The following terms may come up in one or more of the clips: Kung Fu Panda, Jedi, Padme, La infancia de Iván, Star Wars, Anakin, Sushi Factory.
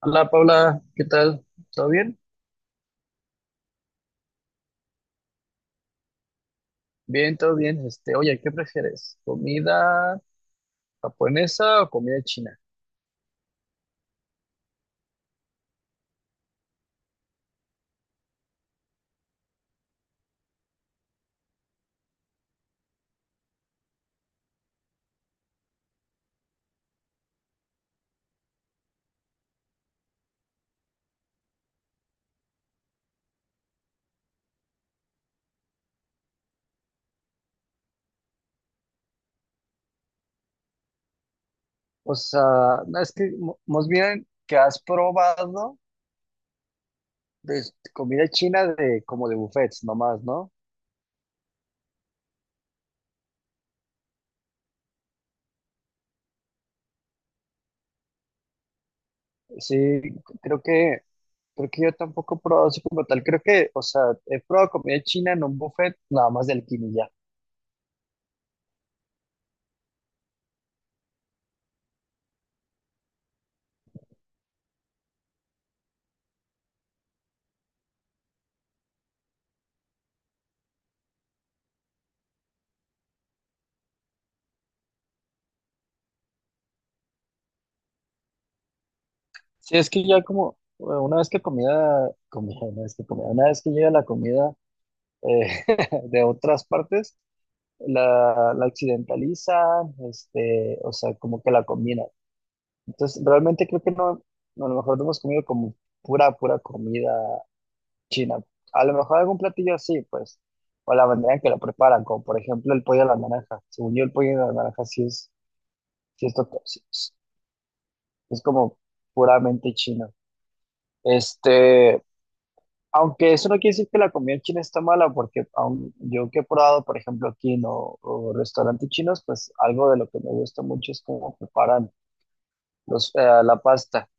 Hola Paula, ¿qué tal? ¿Todo bien? Bien, todo bien. Oye, ¿qué prefieres? ¿Comida japonesa o comida china? O sea, no, es que más bien que has probado de comida china de como de buffets nomás, ¿no? Sí, creo que creo que yo tampoco he probado así como tal. Creo que, o sea, he probado comida china en un buffet nada más del quinilla. Sí, es que ya como bueno, una vez que comida, comida, una vez que comida, una vez que llega la comida eh, de otras partes la occidentaliza, o sea, como que la combina. Entonces, realmente creo que no, a lo mejor no hemos comido como pura comida china. A lo mejor algún platillo así, pues, o la manera en que lo preparan, como por ejemplo el pollo a la naranja. Según yo, el pollo a la naranja sí es, to- sí es como puramente chino. Este, Aunque eso no quiere decir que la comida china está mala, porque aun yo que he probado, por ejemplo, aquí no, o restaurantes chinos, pues algo de lo que me gusta mucho es cómo preparan la pasta.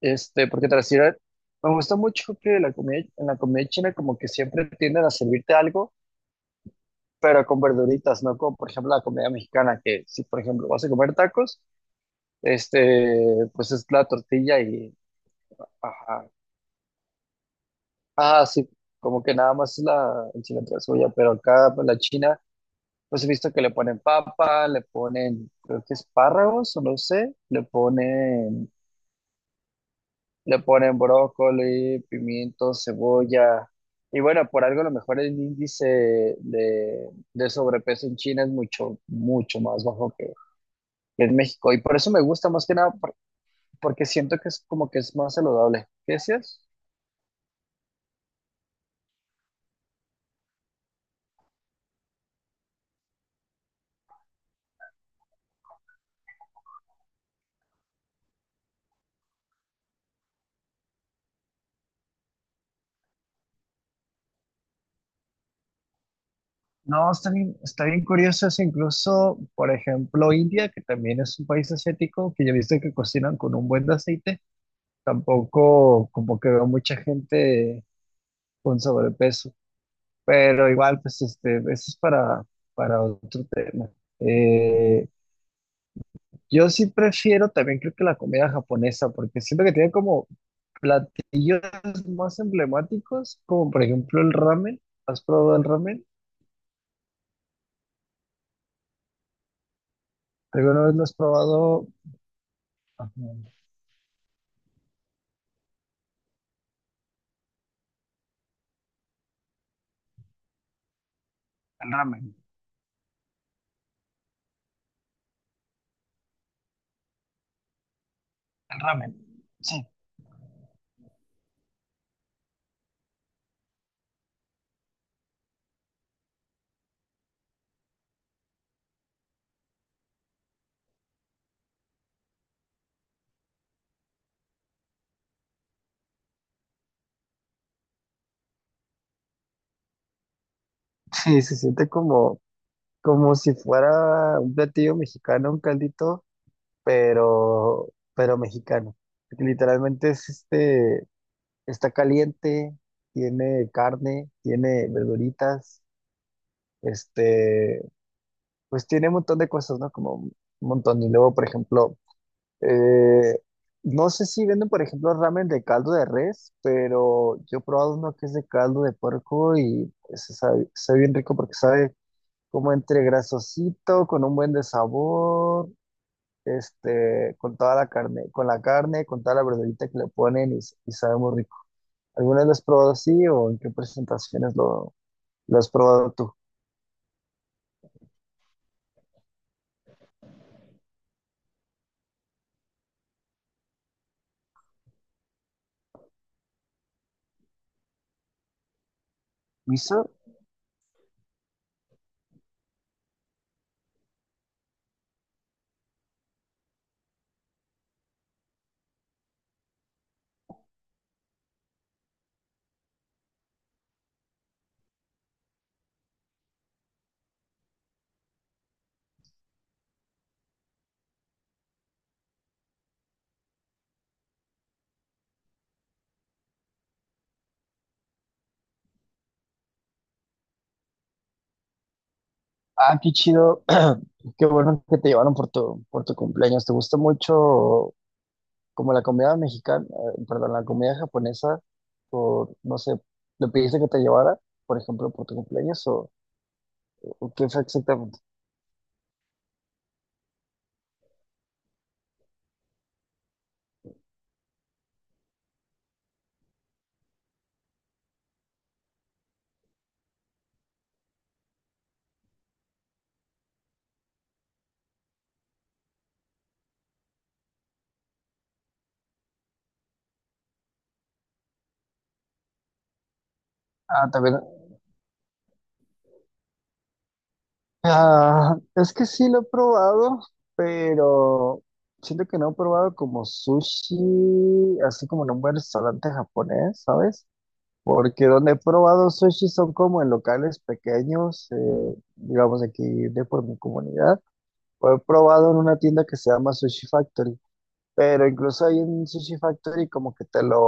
Este, porque tras ir a- Me gusta mucho que en la comida china como que siempre tienden a servirte algo, pero con verduritas, no como por ejemplo la comida mexicana, que si por ejemplo vas a comer tacos, pues es la tortilla y, ajá, ah, sí, como que nada más es el cilantro y la cebolla, pero acá pues, la china. Pues he visto que le ponen papa, le ponen, creo que espárragos, o no sé, le ponen brócoli, pimiento, cebolla. Y bueno, por algo a lo mejor el índice de, de sobrepeso en China es mucho más bajo que en México. Y por eso me gusta más que nada, porque siento que es como que es más saludable. ¿Qué decías? No, está bien curioso eso, incluso, por ejemplo, India, que también es un país asiático, que yo he visto que cocinan con un buen de aceite, tampoco como que veo mucha gente con sobrepeso, pero igual pues eso es para otro tema. Eh, yo sí prefiero también creo que la comida japonesa, porque siento que tiene como platillos más emblemáticos, como por ejemplo el ramen. ¿Has probado el ramen? ¿Alguna vez lo has probado? Ajá. El ramen, el ramen. Sí. Sí, se siente como, como si fuera un platillo mexicano, un caldito pero mexicano. Porque literalmente es está caliente, tiene carne, tiene verduritas, este, pues tiene un montón de cosas, ¿no? Como un montón. Y luego, por ejemplo, eh, no sé si venden, por ejemplo, ramen de caldo de res, pero yo he probado uno que es de caldo de puerco y pues, sabe bien rico porque sabe como entre grasosito, con un buen de sabor, con toda la carne, con toda la verdurita que le ponen y, y sabe muy rico. ¿Alguna vez lo has probado así o en qué presentaciones lo has probado tú? ¿Miso? Ah, qué chido. Qué bueno que te llevaron por por tu cumpleaños. ¿Te gusta mucho como la comida japonesa? O no sé, ¿le pediste que te llevara, por ejemplo, por tu cumpleaños o qué fue exactamente? Ah, también. Ah, es que sí lo he probado, pero siento que no he probado como sushi, así como en un buen restaurante japonés, ¿sabes? Porque donde he probado sushi son como en locales pequeños, digamos aquí de por mi comunidad, o he probado en una tienda que se llama Sushi Factory, pero incluso ahí en Sushi Factory como que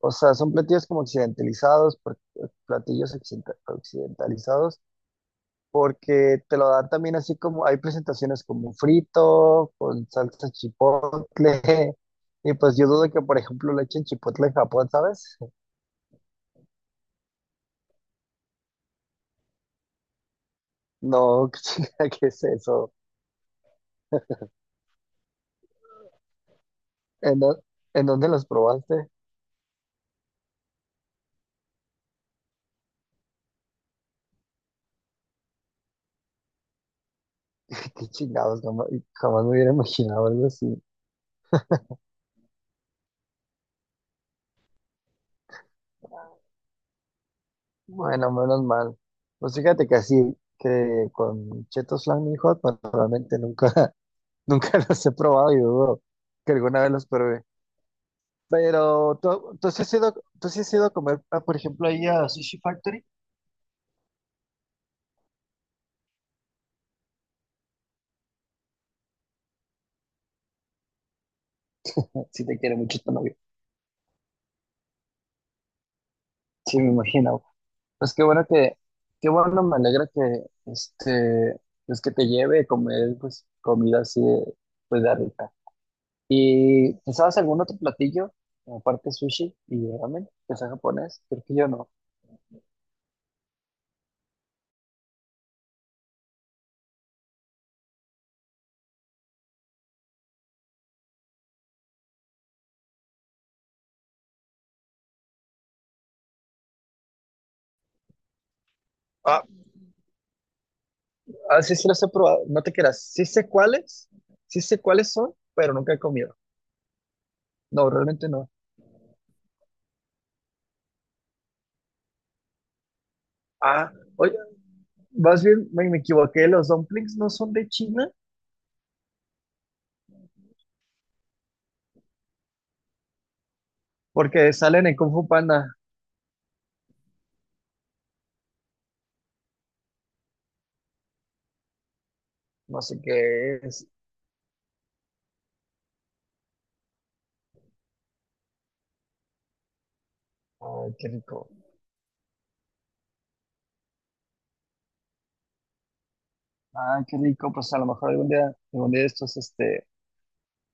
o sea, son platillos como occidentalizados, occidentalizados porque te lo dan también así como, hay presentaciones como frito, con salsa chipotle, y pues yo dudo que, por ejemplo, le echen chipotle en Japón, ¿sabes? No, chica, ¿qué es eso? ¿En, dó- en dónde los probaste? Qué chingados, jamás me hubiera imaginado algo así. Bueno, menos mal. Pues fíjate que así, que con chetos flaming hot, pues realmente nunca, nunca los he probado y dudo que alguna vez los pruebe. Pero tú sí has ido a comer, ah, por ejemplo, ahí a Sushi Factory. Si te quiere mucho tu novio. Sí, me imagino. Pues qué bueno qué bueno, me alegra que, pues que te lleve a comer, pues, comida así, de, pues, de rica. ¿Y ¿sabes algún otro platillo, aparte de sushi y ramen, que sea japonés? Creo que yo no. Ah, ah, sí, sí los he probado. No te creas. Sí sé cuáles son, pero nunca he comido. No, realmente no. Ah, oye. Más bien me equivoqué, los dumplings no son de China porque salen en Kung Fu Panda. No sé qué es. Ay, qué rico. Ay, qué rico. Pues a lo mejor algún día de estos,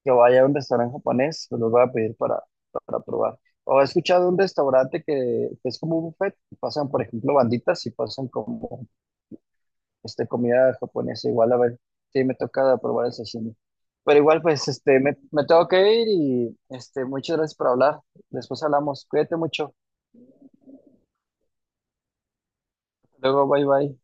que vaya a un restaurante japonés, pues los voy a pedir para probar. O he escuchado de un restaurante que es como un buffet, y pasan, por ejemplo, banditas y pasan como comida japonesa. Igual, a ver, sí me toca probar el sashimi. Pero igual, pues, me tengo que ir y, muchas gracias por hablar. Después hablamos. Cuídate mucho. Luego, bye bye.